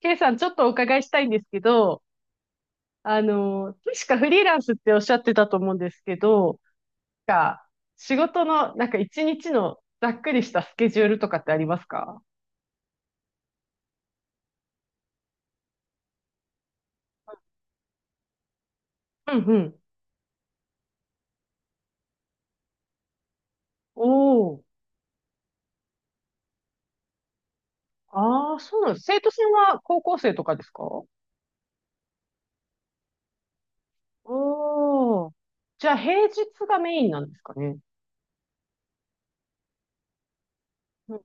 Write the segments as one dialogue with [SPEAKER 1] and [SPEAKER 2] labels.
[SPEAKER 1] ケイさん、ちょっとお伺いしたいんですけど、確かフリーランスっておっしゃってたと思うんですけど、なんか仕事の、なんか一日のざっくりしたスケジュールとかってありますか？うんうん。おお。ああ、そうなんです。生徒さんは高校生とかですか？おおー。じゃあ平日がメインなんですかね。うん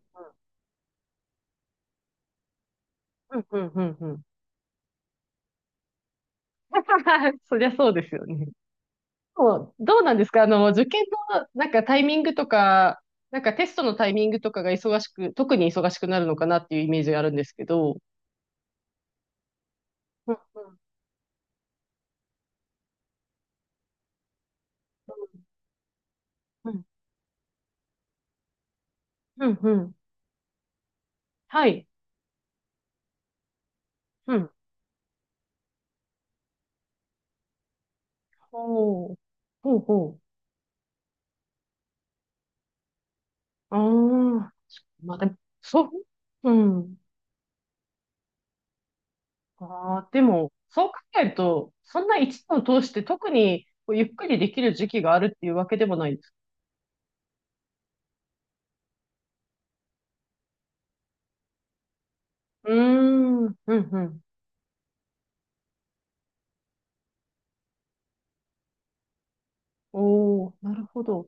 [SPEAKER 1] うんうんうんうん そりゃそうですよね。もうどうなんですか？受験のなんかタイミングとか、なんかテストのタイミングとかが忙しく、特に忙しくなるのかなっていうイメージがあるんですけど。うんうん。うんうん。うんはい。うん。ほう。ほうほう。ああ。まあでも、そう。うん。ああ、でも、そう考えると、そんな一年を通して特にこうゆっくりできる時期があるっていうわけでもないです。うーん。うんうん。おー、なるほど。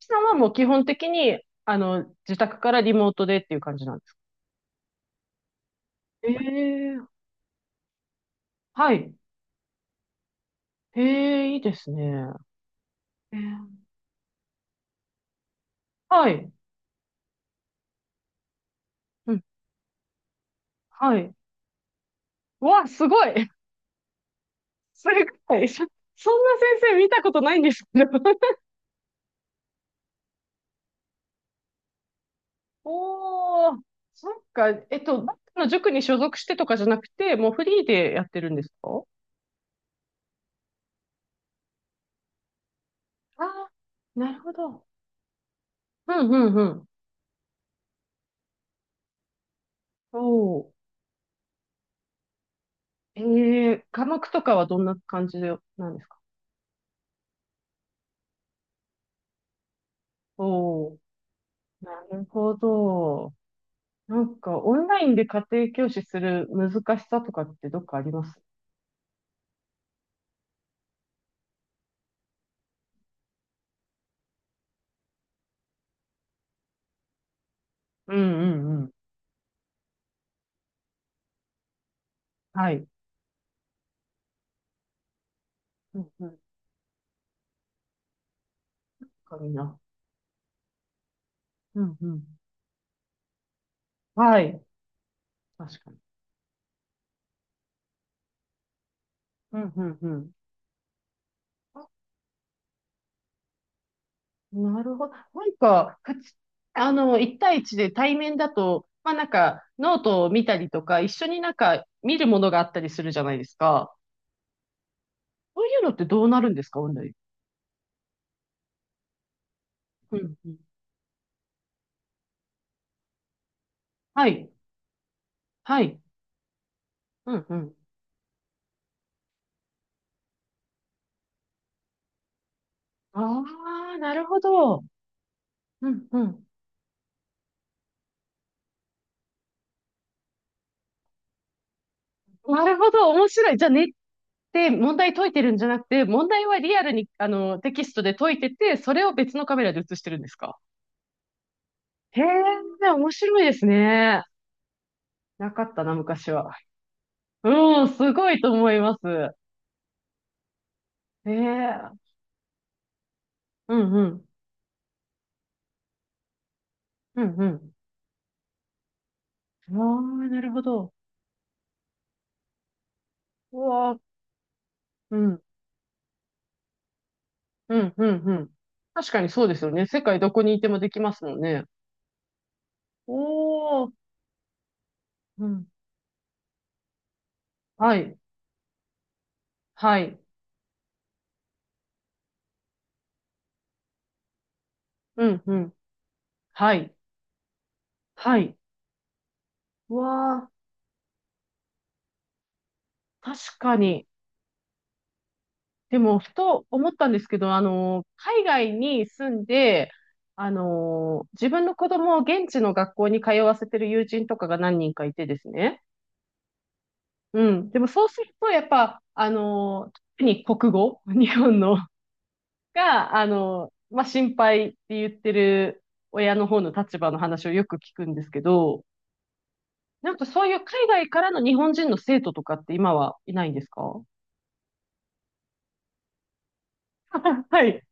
[SPEAKER 1] ちさんはもう基本的に、自宅からリモートでっていう感じなんですか？ええはい。ええいいですね。ええはい。うん、はい。うわ、すごい。すごい。そんな先生見たことないんですけど。おー、そっか。どっかの塾に所属してとかじゃなくて、もうフリーでやってるんですか？ああー、なるほど。うんうんうん。おー。ええ、科目とかはどんな感じなんですか？おおー。なるほど。なんか、オンラインで家庭教師する難しさとかってどっかあります？うんうんうん。はい。うんうん。かみんな。うんうん。はい。確かに。うんうんうん。あ、なるほど。なんか、一対一で対面だと、まあなんか、ノートを見たりとか、一緒になんか見るものがあったりするじゃないですか。そういうのってどうなるんですか、オンライン？うんうん。はい。はい。うんうん。ああ、なるほど。うんうん。なるほど、面白い。じゃあ、ねって問題解いてるんじゃなくて、問題はリアルに、テキストで解いてて、それを別のカメラで映してるんですか？へえ、面白いですね。なかったな、昔は。うん、すごいと思います。へえ、うんうん、うんうん。ああ、なるほど。うわー、うん、うん、うん、うん。確かにそうですよね。世界どこにいてもできますもんね。おー、うん、はい、はい、うん、うん、はい、はい。わあ、確かに。でも、ふと思ったんですけど、海外に住んで、自分の子供を現地の学校に通わせてる友人とかが何人かいてですね。うん。でも、そうすると、やっぱ、特に国語、日本の、が、まあ、心配って言ってる親の方の立場の話をよく聞くんですけど、なんかそういう海外からの日本人の生徒とかって今はいないんですか？ はい。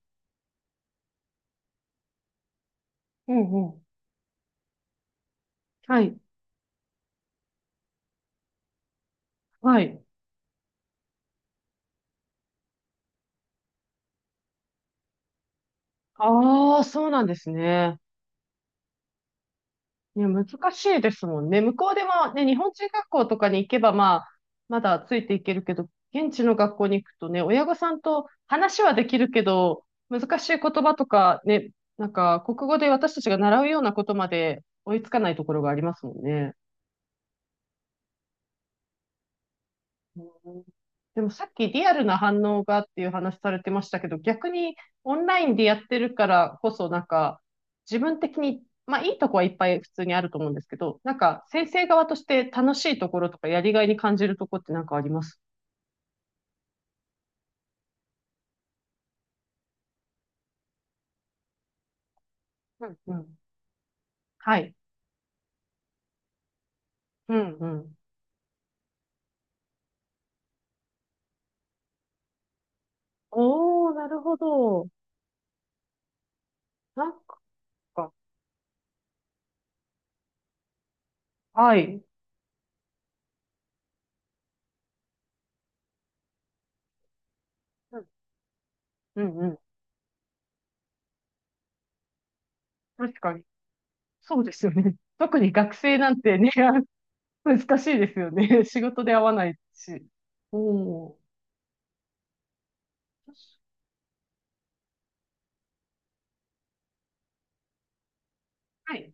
[SPEAKER 1] うんうん。はい。はい。ああ、そうなんですね。ね、難しいですもんね。向こうでもね、日本人学校とかに行けば、まあ、まだついていけるけど、現地の学校に行くとね、親御さんと話はできるけど、難しい言葉とかね、なんか、国語で私たちが習うようなことまで追いつかないところがありますもんね。うん。でもさっきリアルな反応がっていう話されてましたけど、逆にオンラインでやってるからこそ、なんか自分的に、まあいいとこはいっぱい普通にあると思うんですけど、なんか先生側として楽しいところとかやりがいに感じるところってなんかあります？うんうん。はい。うんうん。おー、なるほど。なんか、はい。うんうんうん。確かに。そうですよね。特に学生なんてね、難しいですよね。仕事で会わないし。おー。はい。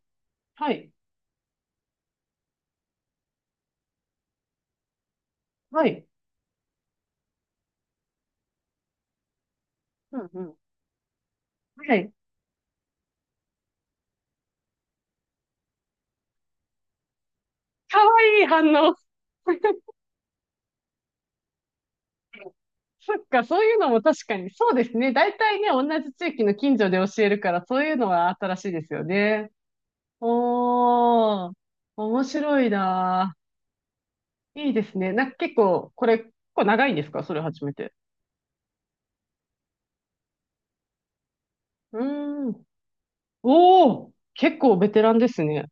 [SPEAKER 1] はい。はい。うんうん。はい。かわいい反応。そっか、そういうのも確かに。そうですね。大体ね、同じ地域の近所で教えるから、そういうのは新しいですよね。おー、面白いなー。いいですね。なんか結構、これ、結構長いんですか？それ初めて。うーん。おー、結構ベテランですね。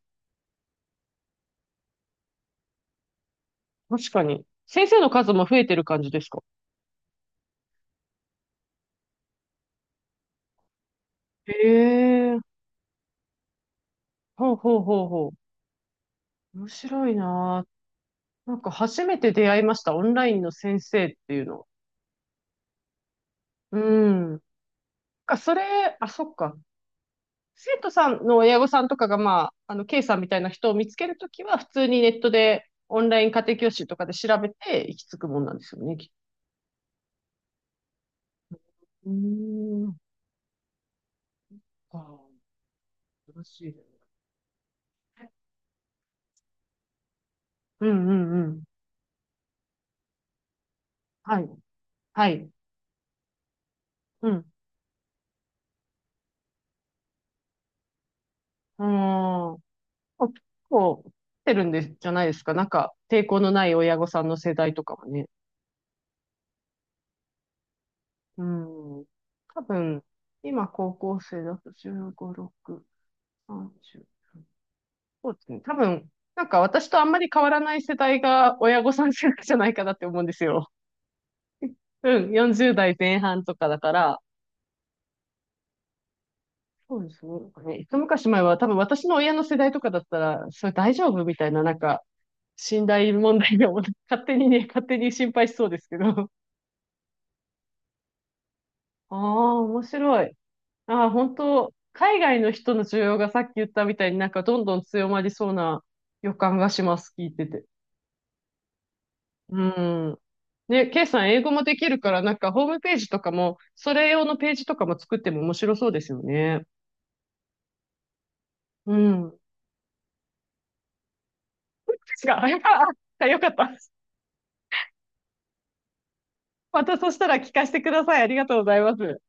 [SPEAKER 1] 確かに。先生の数も増えてる感じですか？へえ、ほうほうほうほう。面白いなー。なんか初めて出会いました、オンラインの先生っていうの。うん。かそれ、あ、そっか。生徒さんの親御さんとかが、まあ、K さんみたいな人を見つけるときは、普通にネットで、オンライン家庭教師とかで調べて、行き着くもんなんですよね、きっと。うーん。ああ、楽しいね。うんうんうん。はい。はい。うん。うーん。あ結構、来てるんで、じゃないですか。なんか、抵抗のない親御さんの世代とかはね。うん。多分、今高校生だと15、6、30。そうですね。多分、なんか私とあんまり変わらない世代が親御さん世代じゃないかなって思うんですよ。うん、40代前半とかだから。そうですね。なんかね、一昔前は多分私の親の世代とかだったら、それ大丈夫みたいな、なんか、信頼問題でも、勝手にね、勝手に心配しそうですけど。ああ、面白い。ああ、本当、海外の人の需要がさっき言ったみたいになんかどんどん強まりそうな予感がします、聞いてて。うん。ね、ケイさん英語もできるから、なんかホームページとかも、それ用のページとかも作っても面白そうですよね。うん。違う。あよかった。またそしたら聞かせてください。ありがとうございます。